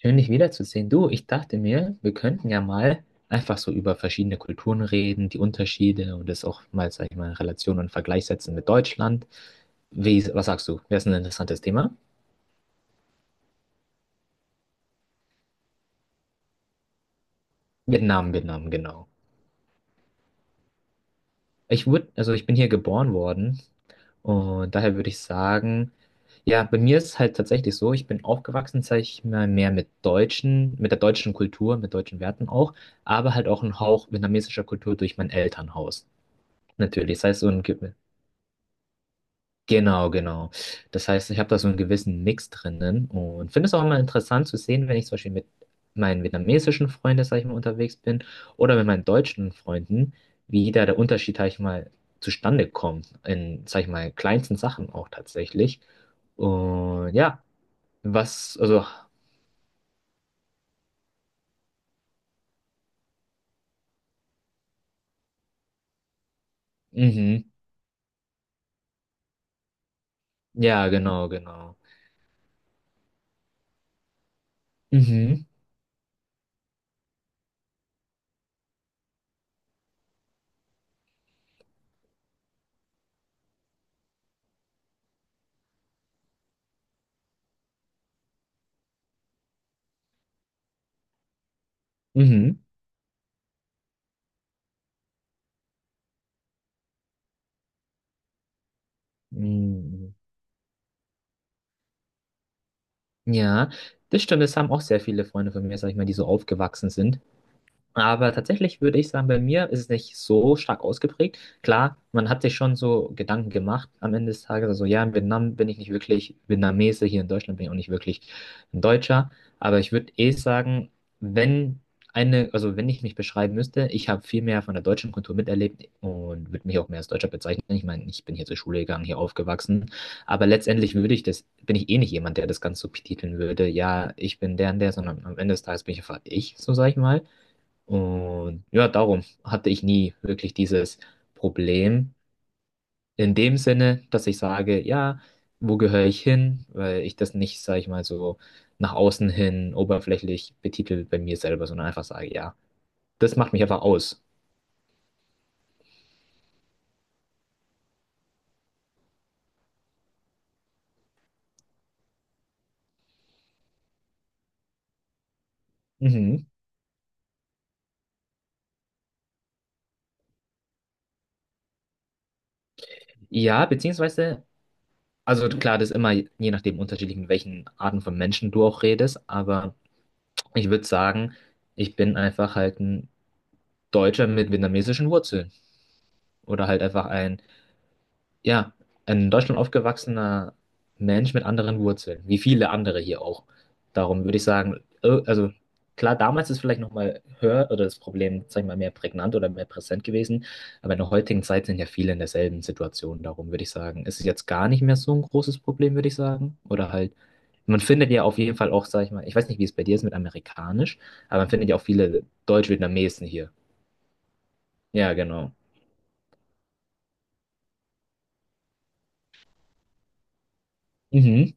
Schön, dich wiederzusehen. Du, ich dachte mir, wir könnten ja mal einfach so über verschiedene Kulturen reden, die Unterschiede und das auch mal, sag ich mal, in Relation und Vergleich setzen mit Deutschland. Wie, was sagst du? Wäre es ein interessantes Thema? Vietnam, Vietnam, genau. Also ich bin hier geboren worden und daher würde ich sagen, ja, bei mir ist es halt tatsächlich so, ich bin aufgewachsen, sag ich mal, mehr mit deutschen, mit der deutschen Kultur, mit deutschen Werten auch, aber halt auch ein Hauch vietnamesischer Kultur durch mein Elternhaus. Natürlich, das heißt, genau, genau. Das heißt, ich habe da so einen gewissen Mix drinnen und finde es auch immer interessant zu sehen, wenn ich zum Beispiel mit meinen vietnamesischen Freunden, sag ich mal, unterwegs bin oder mit meinen deutschen Freunden, wie da der Unterschied, sag ich mal, zustande kommt in, sag ich mal, kleinsten Sachen auch tatsächlich. Und ja, was, also, mhm, ja, genau, genau. Mhm, mhm, mhm. Ja, das stimmt, das haben auch sehr viele Freunde von mir, sag ich mal, die so aufgewachsen sind. Aber tatsächlich würde ich sagen, bei mir ist es nicht so stark ausgeprägt. Klar, man hat sich schon so Gedanken gemacht am Ende des Tages. Also ja, in Vietnam bin ich nicht wirklich Vietnamese, hier in Deutschland bin ich auch nicht wirklich ein Deutscher. Aber ich würde eh sagen, wenn eine, also wenn ich mich beschreiben müsste, ich habe viel mehr von der deutschen Kultur miterlebt und würde mich auch mehr als Deutscher bezeichnen. Ich meine, ich bin hier zur Schule gegangen, hier aufgewachsen. Aber letztendlich würde ich das, bin ich eh nicht jemand, der das Ganze so betiteln würde. Ja, ich bin der und der, sondern am Ende des Tages bin ich einfach ich, so sage ich mal. Und ja, darum hatte ich nie wirklich dieses Problem in dem Sinne, dass ich sage, ja, wo gehöre ich hin? Weil ich das nicht, sage ich mal, so nach außen hin oberflächlich betitel bei mir selber, sondern einfach sage, ja, das macht mich einfach aus. Mhm. Ja, beziehungsweise, also klar, das ist immer je nachdem unterschiedlich, mit welchen Arten von Menschen du auch redest, aber ich würde sagen, ich bin einfach halt ein Deutscher mit vietnamesischen Wurzeln oder halt einfach ein, ja, ein in Deutschland aufgewachsener Mensch mit anderen Wurzeln, wie viele andere hier auch. Darum würde ich sagen, also klar, damals ist vielleicht nochmal höher oder das Problem, sag ich mal, mehr prägnant oder mehr präsent gewesen, aber in der heutigen Zeit sind ja viele in derselben Situation. Darum würde ich sagen, ist es jetzt gar nicht mehr so ein großes Problem, würde ich sagen. Oder halt, man findet ja auf jeden Fall auch, sag ich mal, ich weiß nicht, wie es bei dir ist mit Amerikanisch, aber man findet ja auch viele Deutsch-Vietnamesen hier. Ja, genau. Mhm.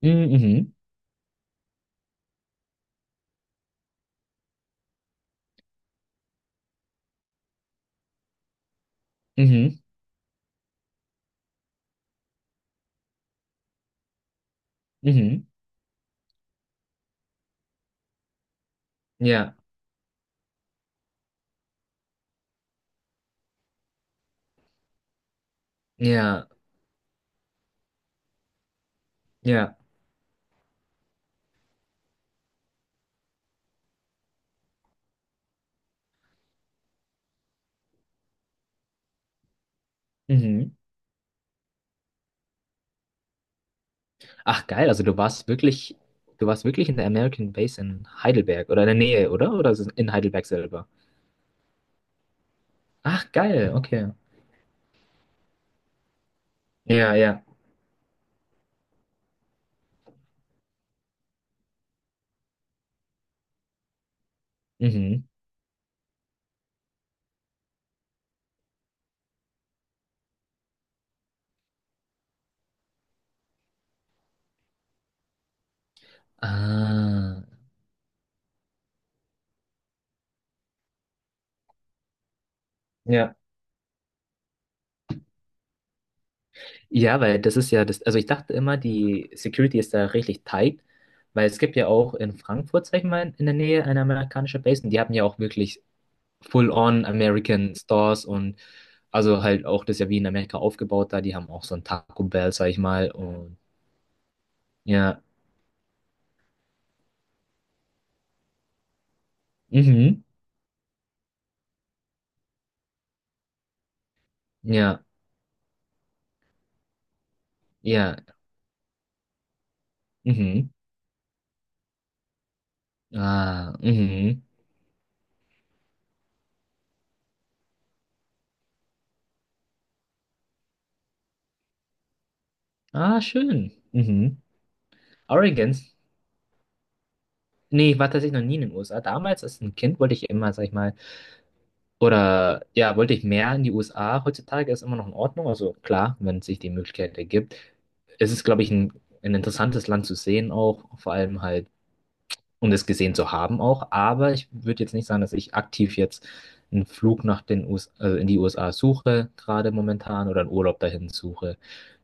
Mhm. Mhm. Mhm. Mhm. Ja. Ja, ja. Mhm. Ach geil, also du warst wirklich in der American Base in Heidelberg oder in der Nähe, oder? Oder ist es in Heidelberg selber? Ach geil, okay. Ja, ja. Mhm. Ah, ja. Ja, weil das ist ja das, also ich dachte immer, die Security ist da richtig tight, weil es gibt ja auch in Frankfurt, sag ich mal, in der Nähe eine amerikanische Base und die haben ja auch wirklich full-on American Stores und also halt auch das ist ja wie in Amerika aufgebaut da, die haben auch so ein Taco Bell, sag ich mal, und ja. Mhm. Ja. Ja. Mhm. Ah, mhm. Ah, schön. Mhm. Oregon. Nee, ich war tatsächlich noch nie in den USA. Damals als ein Kind wollte ich immer, sag ich mal, oder ja, wollte ich mehr in die USA. Heutzutage ist immer noch in Ordnung. Also klar, wenn sich die Möglichkeit ergibt. Es ist, glaube ich, ein interessantes Land zu sehen auch. Vor allem halt, um das gesehen zu haben auch. Aber ich würde jetzt nicht sagen, dass ich aktiv jetzt einen Flug nach den US, also in die USA, suche, gerade momentan, oder einen Urlaub dahin suche.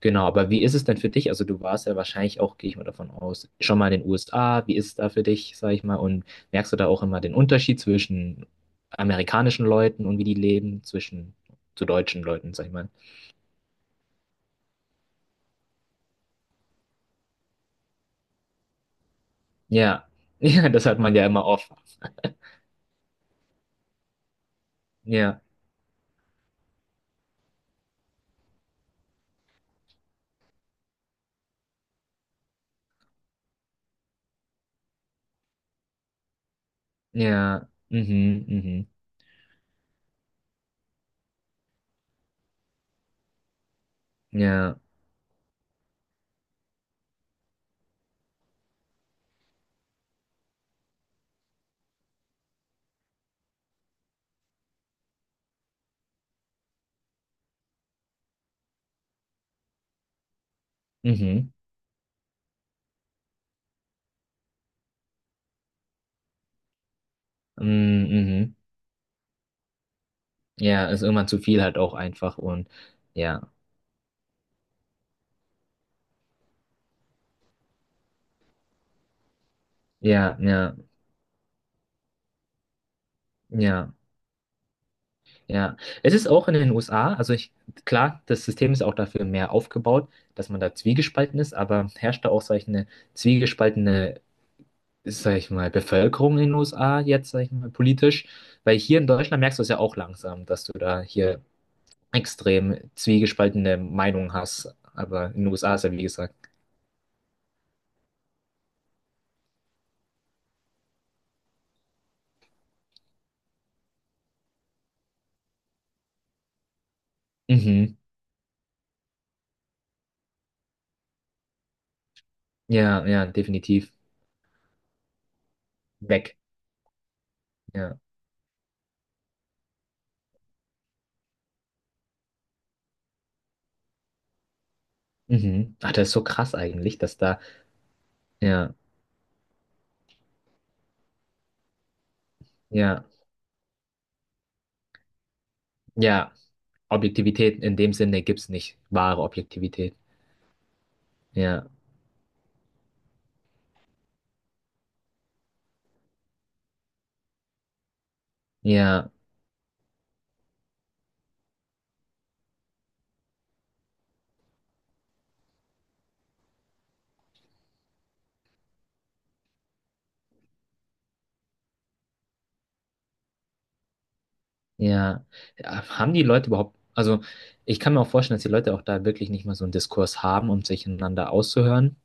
Genau, aber wie ist es denn für dich? Also du warst ja wahrscheinlich auch, gehe ich mal davon aus, schon mal in den USA. Wie ist es da für dich, sag ich mal? Und merkst du da auch immer den Unterschied zwischen amerikanischen Leuten und wie die leben, zwischen zu deutschen Leuten, sag ich mal? Ja, ja, das hat man ja immer oft. Ja, ja, mhm, mhm, ja, mhm, mm, mhm. Ja, ist irgendwann zu viel halt auch einfach und ja, ja, ja, ja, ja. Es ist auch in den USA, also ich, klar, das System ist auch dafür mehr aufgebaut, dass man da zwiegespalten ist, aber herrscht da auch, sag ich, eine zwiegespaltene, sag ich mal, Bevölkerung in den USA jetzt, sag ich mal, politisch, weil hier in Deutschland merkst du es ja auch langsam, dass du da hier extrem zwiegespaltene Meinungen hast, aber in den USA ist ja, wie gesagt, mhm, ja, ja, definitiv weg. Ja. Mhm. Ach, das ist so krass eigentlich, dass da, ja, ja, ja, Objektivität in dem Sinne gibt es nicht, wahre Objektivität. Ja, ja, ja. Ja, haben die Leute überhaupt, also ich kann mir auch vorstellen, dass die Leute auch da wirklich nicht mal so einen Diskurs haben, um sich einander auszuhören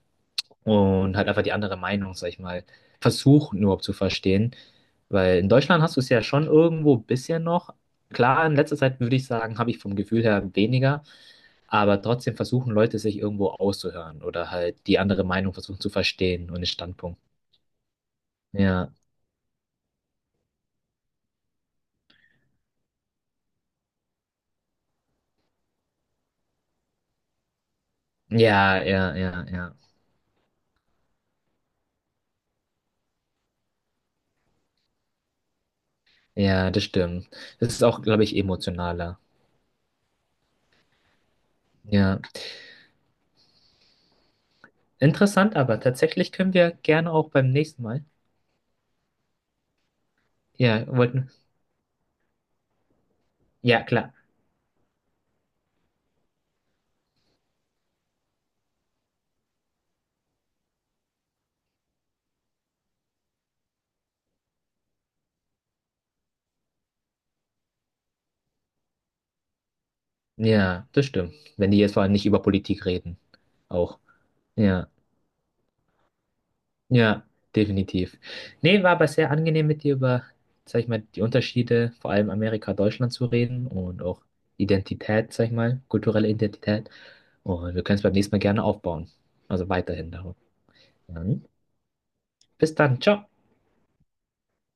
und halt einfach die andere Meinung, sag ich mal, versuchen überhaupt zu verstehen. Weil in Deutschland hast du es ja schon irgendwo ein bisschen noch. Klar, in letzter Zeit würde ich sagen, habe ich vom Gefühl her weniger. Aber trotzdem versuchen Leute, sich irgendwo auszuhören oder halt die andere Meinung versuchen zu verstehen und den Standpunkt. Ja, ja, ja, ja, ja. Ja, das stimmt. Das ist auch, glaube ich, emotionaler. Ja, interessant, aber tatsächlich können wir gerne auch beim nächsten Mal. Ja, wollten. Ja, klar. Ja, das stimmt. Wenn die jetzt vor allem nicht über Politik reden. Auch. Ja. Ja, definitiv. Nee, war aber sehr angenehm mit dir über, sag ich mal, die Unterschiede, vor allem Amerika, Deutschland zu reden und auch Identität, sag ich mal, kulturelle Identität. Und wir können es beim nächsten Mal gerne aufbauen. Also weiterhin darum. Dann, bis dann, ciao.